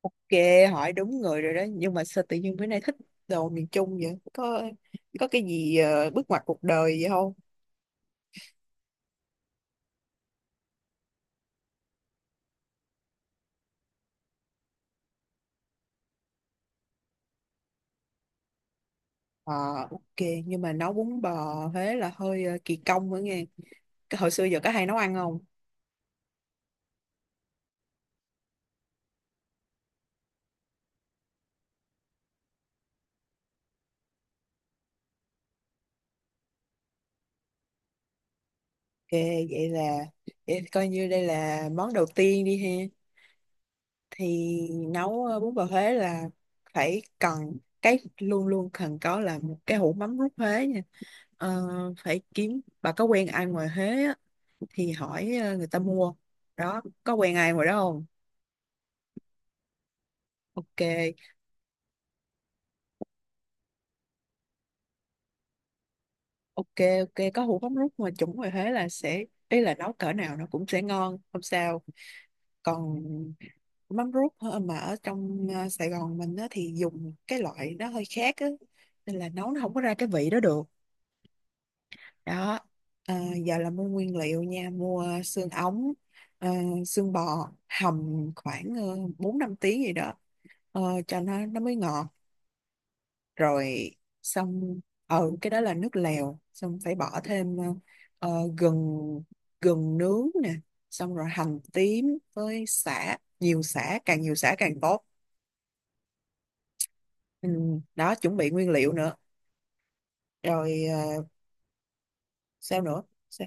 Ok, hỏi đúng người rồi đó. Nhưng mà sao tự nhiên bữa nay thích đồ miền Trung vậy? Có cái gì bước ngoặt cuộc đời vậy không? Ờ, ok. Nhưng mà nấu bún bò Huế là hơi kỳ công nữa nghe. Cái hồi xưa giờ có hay nấu ăn không? Ok, vậy là vậy coi như đây là món đầu tiên đi ha. Thì nấu bún bò Huế là phải cần cái luôn luôn cần có là một cái hũ mắm rút Huế nha. Ờ, phải kiếm bà có quen ai ngoài Huế thì hỏi người ta mua đó, có quen ai ngoài đó không? Ok, ok, có hũ mắm rút mà chuẩn ngoài Huế là sẽ ý là nấu cỡ nào nó cũng sẽ ngon không sao. Còn mắm rút hả, mà ở trong Sài Gòn mình á, thì dùng cái loại nó hơi khác á, nên là nấu nó không có ra cái vị đó được đó. Ờ, giờ là mua nguyên liệu nha, mua xương ống, ờ, xương bò hầm khoảng 4 5 tiếng gì đó, ờ, cho nó mới ngọt. Rồi xong, ừ, cái đó là nước lèo, xong phải bỏ thêm gừng, gừng nướng nè, xong rồi hành tím với sả, nhiều sả càng tốt, ừ, đó chuẩn bị nguyên liệu nữa. Rồi sao nữa. Sao-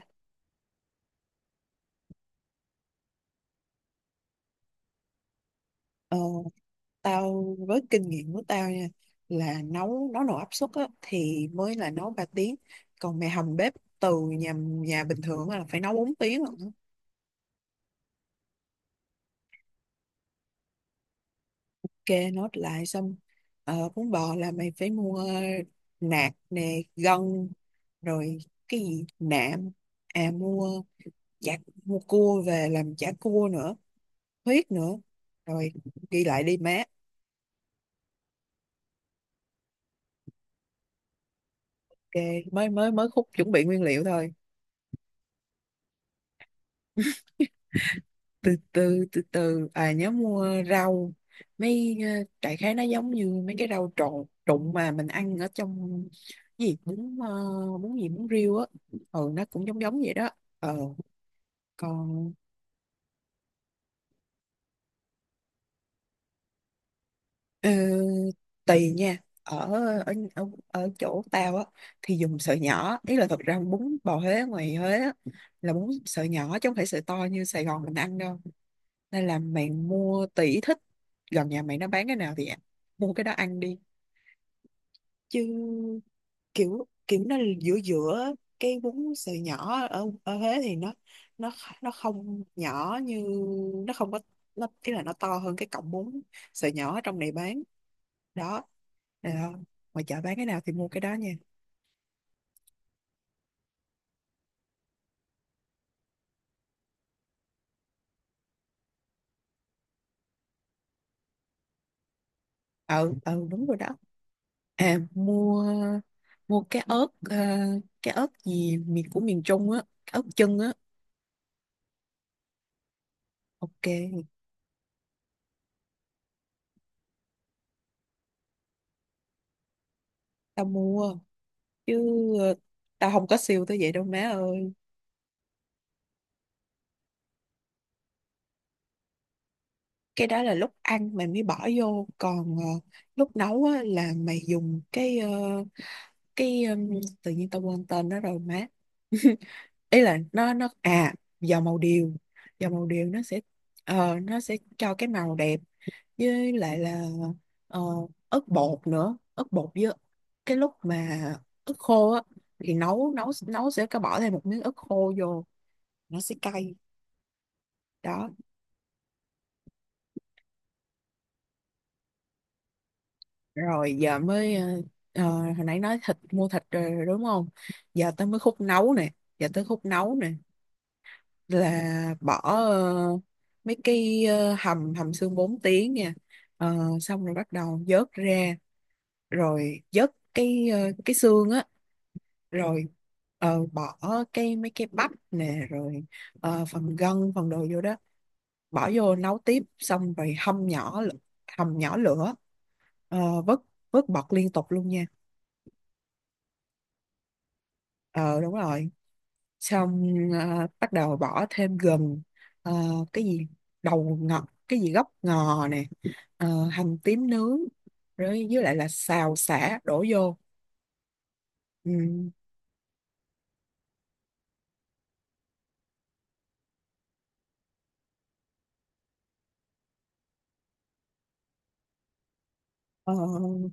Ờ, tao với kinh nghiệm của tao nha, là nấu nấu nồi áp suất á, thì mới là nấu 3 tiếng, còn mày hầm bếp từ nhà nhà bình thường á là phải nấu 4 tiếng lận. Kê nốt lại xong, bún bò là mày phải mua nạc nè, gân, rồi cái gì nạm, à mua chả, mua cua về làm chả cua nữa, huyết nữa. Rồi ghi lại đi má. Ok, mới mới mới khúc chuẩn bị nguyên liệu thôi. Từ từ, à nhớ mua rau, mấy đại khái nó giống như mấy cái rau trộn trụng mà mình ăn ở trong cái gì bún bún gì bún riêu á, ừ nó cũng giống giống vậy đó. Ờ còn ờ, tùy nha, ở ở chỗ tao á thì dùng sợi nhỏ, ý là thật ra bún bò Huế ngoài Huế á, là bún sợi nhỏ chứ không phải sợi to như Sài Gòn mình ăn đâu, nên là mày mua tùy thích, gần nhà mày nó bán cái nào thì mua cái đó ăn đi. Chứ kiểu kiểu nó giữa giữa cái bún sợi nhỏ ở ở Huế thì nó nó không nhỏ như, nó không có, nó ý là nó to hơn cái cọng bún sợi nhỏ ở trong này bán đó, được không, ngoài chợ bán cái nào thì mua cái đó nha. Ừ ừ đúng rồi đó, à mua, mua cái ớt cái ớt gì miền của miền Trung á, cái ớt chân á. Ok, tao mua chứ, ờ, tao không có siêu tới vậy đâu má ơi. Cái đó là lúc ăn mày mới bỏ vô, còn lúc nấu á là mày dùng cái cái ừm, tự nhiên tao quên tên nó rồi má ý là nó à, dầu màu điều, dầu màu điều nó sẽ nó sẽ cho cái màu đẹp, với lại là ờ, ớt bột nữa, ớt bột với cái lúc mà ớt khô á thì nấu nấu nấu sẽ có bỏ thêm một miếng ớt khô vô, nó sẽ cay đó. Rồi giờ mới ờ, hồi nãy nói thịt, mua thịt rồi, đúng không, giờ tới mới khúc nấu nè, giờ tới khúc nấu nè, là bỏ mấy cái hầm, hầm xương 4 tiếng nha. Ờ, xong rồi bắt đầu vớt ra, rồi vớt cái cái xương á, rồi bỏ cái, mấy cái bắp nè, rồi phần gân phần đồ vô đó, bỏ vô nấu tiếp, xong rồi hâm nhỏ hầm nhỏ lửa, vớt, vớt bọt liên tục luôn nha. Ờ đúng rồi, xong bắt đầu bỏ thêm gừng, ờ, cái gì đầu ngọt, cái gì gốc ngò nè, hành tím nướng, rồi với lại là xào sả đổ vô. Ừ. ờ,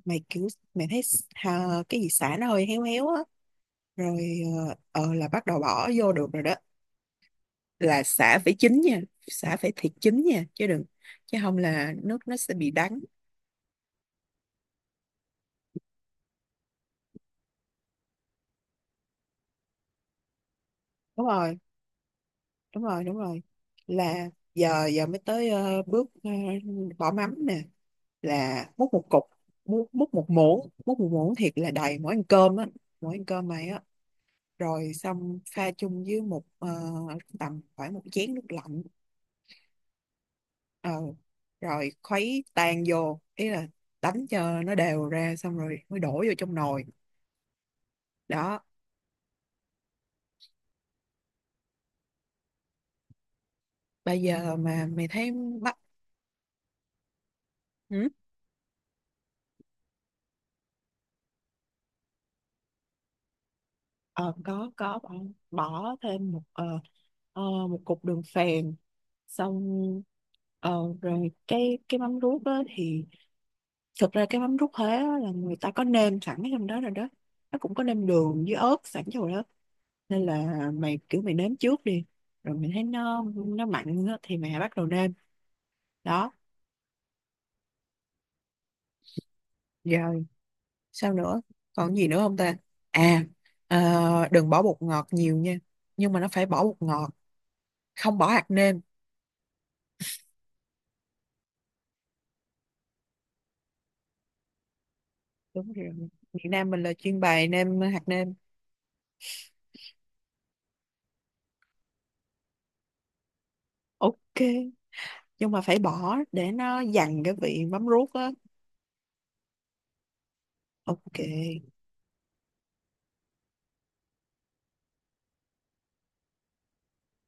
Mày kiểu mày thấy cái gì sả nó hơi héo héo á, rồi là bắt đầu bỏ vô được rồi đó, là xả phải chín nha, xả phải thiệt chín nha chứ đừng, chứ không là nước nó sẽ bị đắng. Đúng rồi đúng rồi đúng rồi, là giờ giờ mới tới bước bỏ mắm nè, là múc một cục, múc một muỗng, múc một muỗng thiệt là đầy mỗi ăn cơm á, mỗi ăn cơm này á, rồi xong pha chung với một tầm khoảng một chén nước lạnh, ờ, rồi khuấy tan vô, ý là đánh cho nó đều ra, xong rồi mới đổ vô trong nồi đó. Bây giờ mà mày thấy mắt ừ? Ờ có bỏ, bỏ thêm ờ, một cục đường phèn, xong ờ, rồi cái mắm ruốc đó thì thực ra cái mắm ruốc Huế á là người ta có nêm sẵn ở trong đó rồi đó, nó cũng có nêm đường với ớt sẵn trong đó, nên là mày kiểu mày nếm trước đi, rồi mày thấy nó mặn á thì mày bắt đầu nêm đó. Rồi, sao nữa? Còn gì nữa không ta? À, ờ, đừng bỏ bột ngọt nhiều nha. Nhưng mà nó phải bỏ bột ngọt, không bỏ hạt nêm. Đúng rồi. Việt Nam mình là chuyên bày nêm hạt nêm. Ok, nhưng mà phải bỏ để nó dằn cái vị mắm ruốc á. Ok.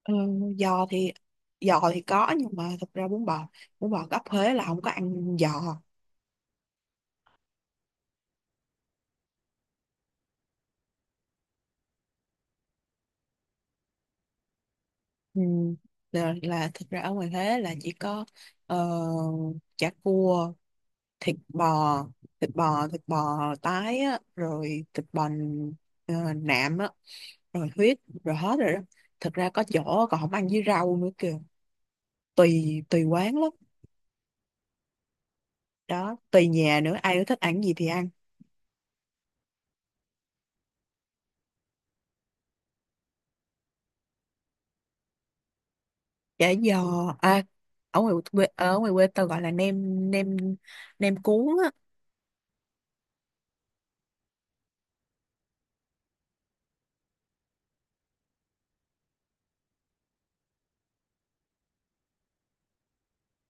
Ờ, giò thì, giò thì có nhưng mà thật ra bún bò gốc Huế là không có ăn giò. Ừ. Là thật ra ở ngoài Huế là chỉ có ờ, chả cua, thịt bò, thịt bò tái á, rồi thịt bò nạm á, rồi huyết, rồi hết rồi đó. Thực ra có chỗ còn không ăn với rau nữa kìa, tùy tùy quán lắm đó, tùy nhà nữa, ai có thích ăn gì thì ăn. Chả giò à, ở ngoài quê ở ngoài quê tao gọi là nem nem nem cuốn á.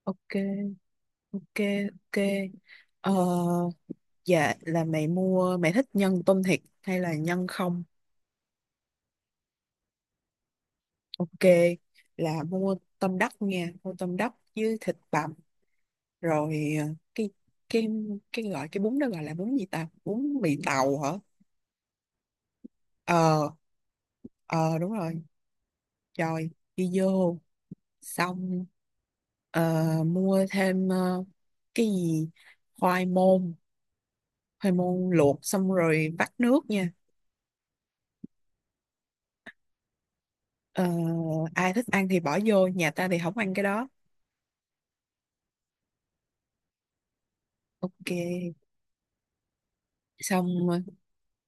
Ok ok ok, ờ, dạ là mày mua, mày thích nhân tôm thịt hay là nhân không. Ok, là mua tôm đất nha, mua tôm đất với thịt bằm, rồi cái cái cái gọi cái bún đó gọi là bún gì ta? Bún mì tàu hả? Ờ, ờ đúng rồi. Rồi đi vô xong mua thêm cái gì khoai môn, khoai môn luộc xong rồi vắt nước nha. Ờ, ai thích ăn thì bỏ vô, nhà ta thì không ăn cái đó. Ok, xong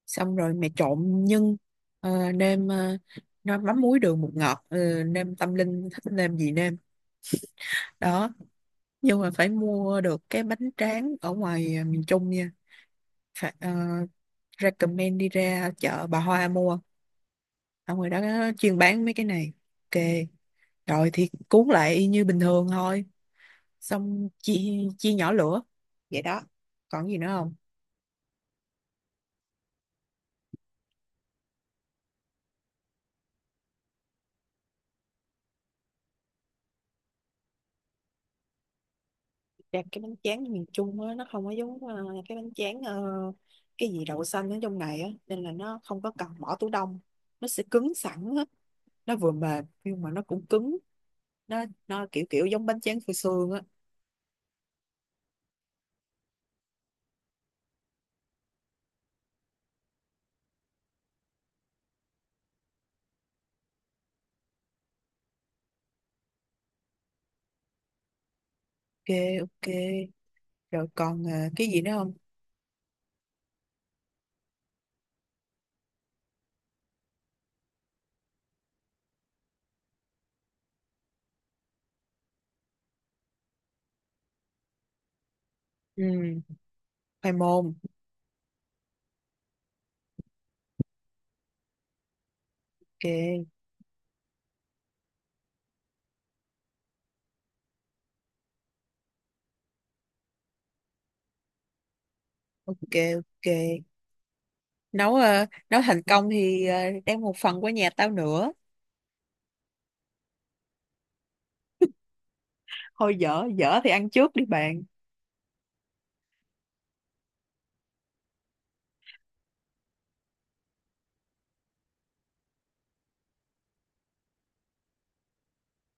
xong rồi mẹ trộn nhân, nêm nó mắm muối đường bột ngọt, nêm tâm linh thích nêm gì nêm đó, nhưng mà phải mua được cái bánh tráng ở ngoài miền Trung nha, phải recommend đi ra chợ Bà Hoa mua, ở ngoài đó chuyên bán mấy cái này, ok, rồi thì cuốn lại y như bình thường thôi, xong chia, chia nhỏ lửa vậy đó. Còn gì nữa không? Dạ, cái bánh tráng miền Trung á, nó không có giống cái bánh tráng cái gì đậu xanh ở trong này á, nên là nó không có cần bỏ tủ đông, nó sẽ cứng sẵn á, nó vừa mềm nhưng mà nó cũng cứng, nó kiểu kiểu giống bánh tráng phô xương á. Ok ok, rồi còn cái gì nữa không. Ừ khoai môn. Ok ok ok, nấu nấu thành công thì đem một phần qua nhà tao nữa. Thôi dở dở thì ăn trước đi bạn,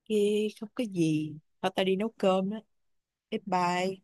kia không có gì, thôi tao đi nấu cơm á, bye bye.